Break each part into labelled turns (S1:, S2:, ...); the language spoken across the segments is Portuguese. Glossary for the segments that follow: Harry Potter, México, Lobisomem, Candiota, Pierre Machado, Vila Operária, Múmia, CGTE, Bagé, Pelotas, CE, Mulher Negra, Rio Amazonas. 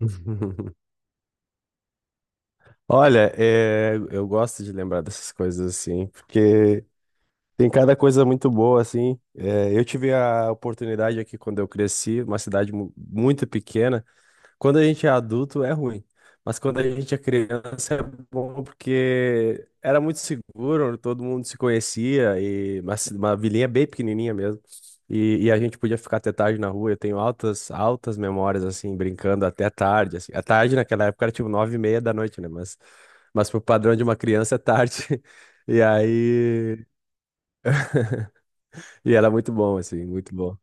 S1: Olha, eu gosto de lembrar dessas coisas assim, porque tem cada coisa muito boa assim. Eu tive a oportunidade aqui quando eu cresci, uma cidade muito pequena. Quando a gente é adulto é ruim, mas quando a gente é criança é bom, porque era muito seguro, todo mundo se conhecia e uma vilinha bem pequenininha mesmo. E a gente podia ficar até tarde na rua. Eu tenho altas memórias assim, brincando até tarde. Assim. A tarde naquela época era tipo nove e meia da noite, né? Mas pro padrão de uma criança é tarde. E aí, e era muito bom, assim, muito bom.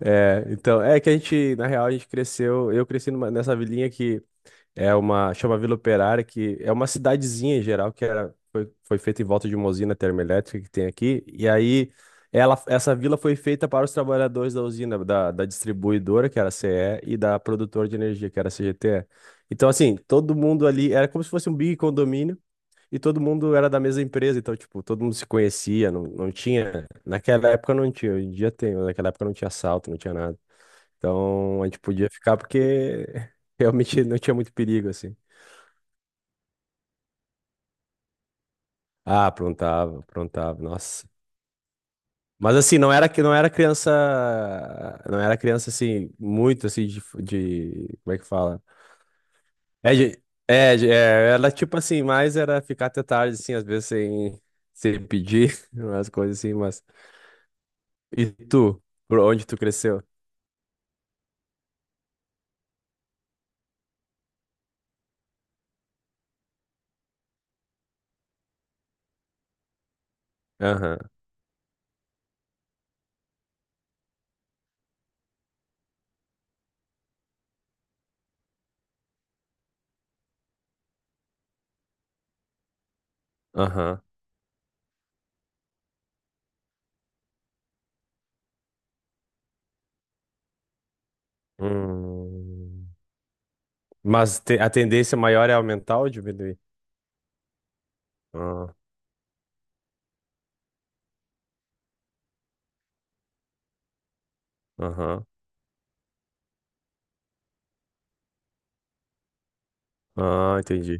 S1: É, então, é que a gente cresceu. Eu cresci nessa vilinha que é uma, chama Vila Operária, que é uma cidadezinha em geral, que foi, foi feita em volta de uma usina termoelétrica que tem aqui. E aí, ela, essa vila foi feita para os trabalhadores da usina, da distribuidora, que era a CE, e da produtora de energia, que era a CGTE. Então, assim, todo mundo ali era como se fosse um big condomínio, e todo mundo era da mesma empresa. Então, tipo, todo mundo se conhecia, não tinha. Naquela época não tinha, hoje em dia tem, mas naquela época não tinha assalto, não tinha nada. Então, a gente podia ficar porque realmente não tinha muito perigo, assim. Ah, aprontava, aprontava, nossa. Mas assim, não era criança assim muito assim como é que fala? Era tipo assim, mais era ficar até tarde assim, às vezes sem pedir umas coisas assim, mas e tu? Por onde tu cresceu? Aham, aham. Hum. Mas a tendência maior é aumentar ou diminuir? Ah, aham. Ah, entendi.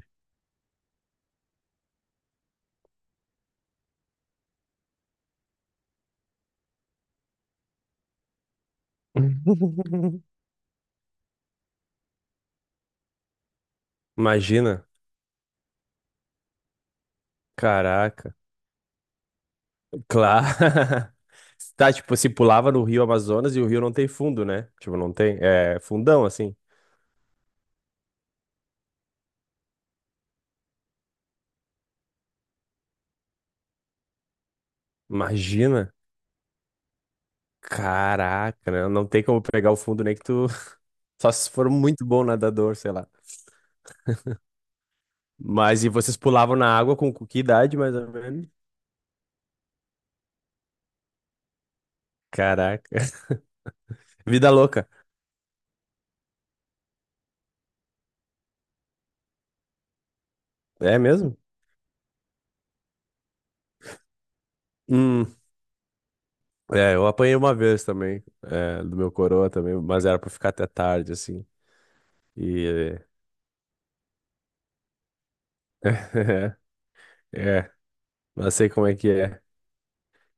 S1: Imagina, caraca. Claro. Tá, tipo, se pulava no Rio Amazonas e o rio não tem fundo, né? Tipo, não tem. É fundão, assim. Imagina. Caraca, né? Não tem como pegar o fundo nem que tu. Só se for muito bom nadador, sei lá. Mas e vocês pulavam na água com que idade, mais ou menos? Caraca. Vida louca. É mesmo? Hum. É, eu apanhei uma vez também, é, do meu coroa também. Mas era pra ficar até tarde, assim. E. É. Não sei como é que é.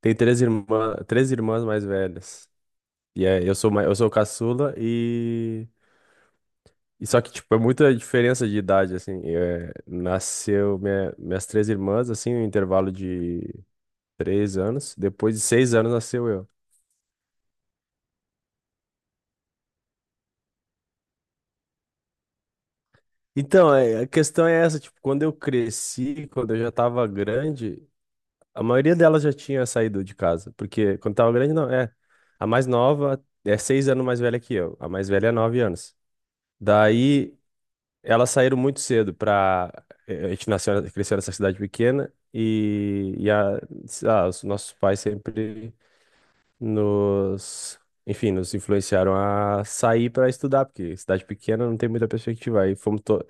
S1: Tem três irmãs mais velhas. Eu sou, eu sou o caçula, e só que tipo é muita diferença de idade assim. É, minhas três irmãs assim, em um intervalo de três anos. Depois de seis anos nasceu eu. Então, é, a questão é essa, tipo, quando eu cresci, quando eu já tava grande, a maioria delas já tinha saído de casa, porque quando tava grande não, é a mais nova é seis anos mais velha que eu, a mais velha é nove anos. Daí elas saíram muito cedo. Para A gente nasceu, cresceu nessa cidade pequena, ah, os nossos pais sempre nos, enfim, nos influenciaram a sair para estudar, porque cidade pequena não tem muita perspectiva.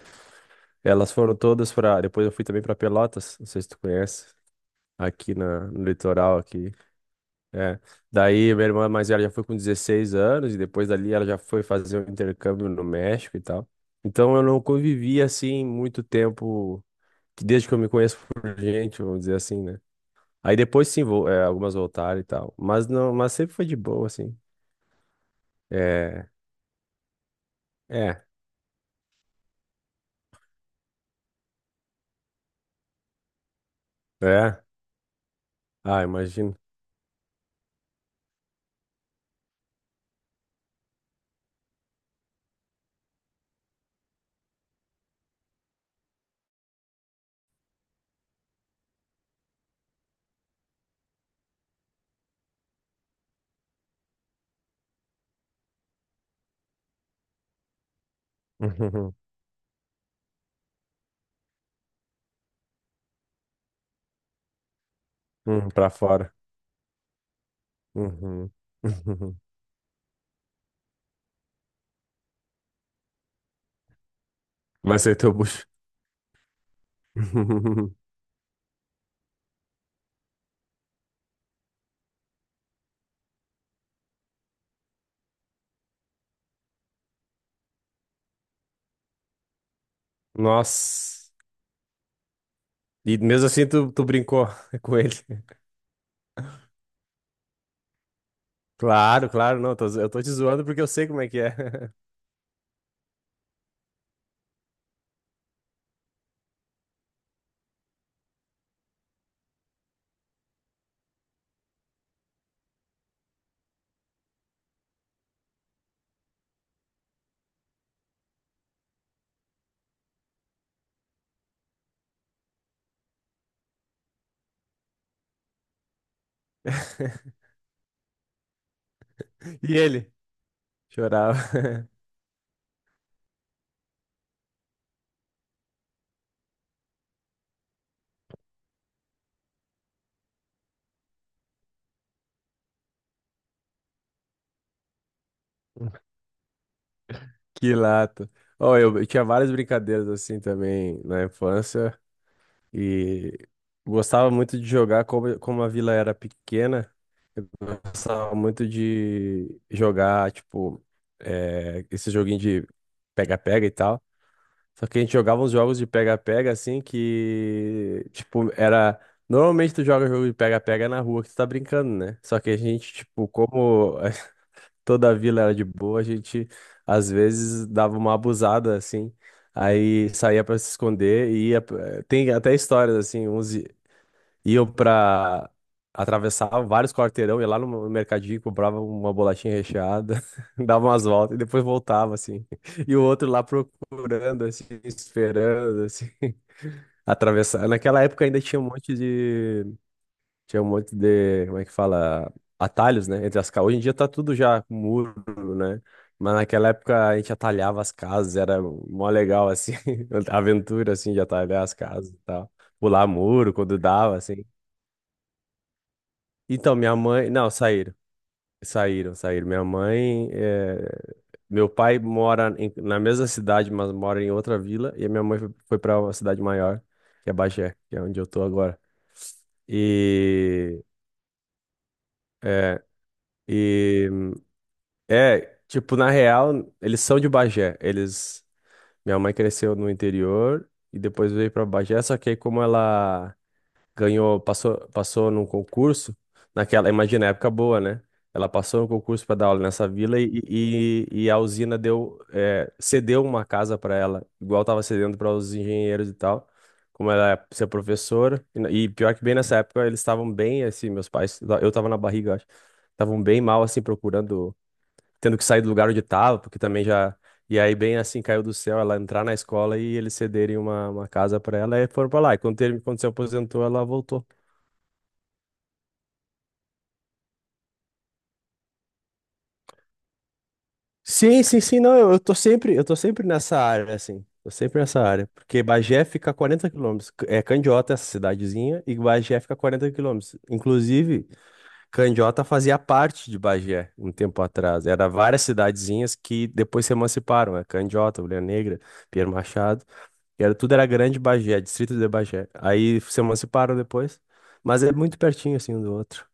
S1: Elas foram todas para, depois eu fui também para Pelotas, não sei se tu conhece, no litoral aqui. É. Daí minha irmã mais velha já foi com 16 anos e depois dali ela já foi fazer um intercâmbio no México e tal. Então eu não convivi assim muito tempo, que desde que eu me conheço por gente, vamos dizer assim, né? Aí depois sim, algumas voltaram e tal. Mas não, mas sempre foi de boa, assim. É, é, é. Ah, imagino. Uhum, uhum, pra fora. Uhum, uhum. Vai ser teu bucho. Nossa. E mesmo assim tu brincou com ele. Claro, claro, não. Eu tô te zoando porque eu sei como é que é. E ele? Chorava. Que lata. Ó, eu tinha várias brincadeiras assim também na infância, e gostava muito de jogar, como, como a vila era pequena, gostava muito de jogar, tipo, esse joguinho de pega-pega e tal. Só que a gente jogava uns jogos de pega-pega assim que, tipo, era... Normalmente tu joga jogo de pega-pega na rua que tu tá brincando, né? Só que a gente, tipo, como toda a vila era de boa, a gente às vezes dava uma abusada assim, aí saía pra se esconder Tem até histórias assim, iam pra, atravessavam vários quarteirão, ia lá no mercadinho, comprava uma bolachinha recheada, dava umas voltas e depois voltava assim. E o outro lá procurando, assim, esperando, assim, atravessar. Naquela época ainda tinha um monte de, como é que fala, atalhos, né, entre as casas. Hoje em dia tá tudo já com muro, né? Mas naquela época a gente atalhava as casas, era mó legal, assim, a aventura, assim, de atalhar as casas e tal. Pular muro quando dava, assim. Então, minha mãe... Não, saíram. Saíram, saíram. Minha mãe... meu pai mora na mesma cidade, mas mora em outra vila. E a minha mãe foi para uma cidade maior, que é Bagé, que é onde eu tô agora. E... é, e é, tipo, na real, eles são de Bagé. Eles. Minha mãe cresceu no interior e depois veio pra Bagé, só que aí como ela passou num concurso, naquela, imagina, época boa, né? Ela passou no concurso pra dar aula nessa vila, e a usina cedeu uma casa pra ela, igual tava cedendo para os engenheiros e tal. Como ela ia ser professora, e pior que bem nessa época eles estavam bem, assim, meus pais, eu tava na barriga, eu acho, estavam bem mal, assim, procurando, tendo que sair do lugar onde estava, porque também já. E aí, bem assim, caiu do céu ela entrar na escola e eles cederem uma casa para ela e foram para lá. E quando se aposentou, ela voltou. Sim, sim, sim, não, eu tô sempre nessa área, assim. Tô sempre nessa área, porque Bagé fica a 40 quilômetros. É Candiota essa cidadezinha e Bagé fica a 40 quilômetros. Inclusive, Candiota fazia parte de Bagé um tempo atrás. Era várias cidadezinhas que depois se emanciparam, né? Candiota, Mulher Negra, Pierre Machado. E era, tudo era Grande Bagé, distrito de Bagé. Aí se emanciparam depois. Mas é muito pertinho, assim, um do outro.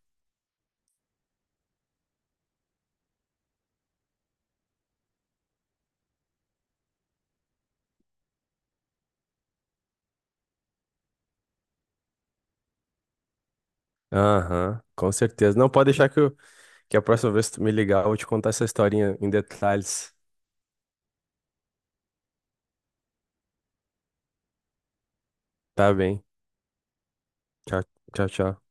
S1: Aham, com certeza. Não pode deixar que a próxima vez que tu me ligar, eu vou te contar essa historinha em detalhes. Tá bem. Tchau, tchau, tchau.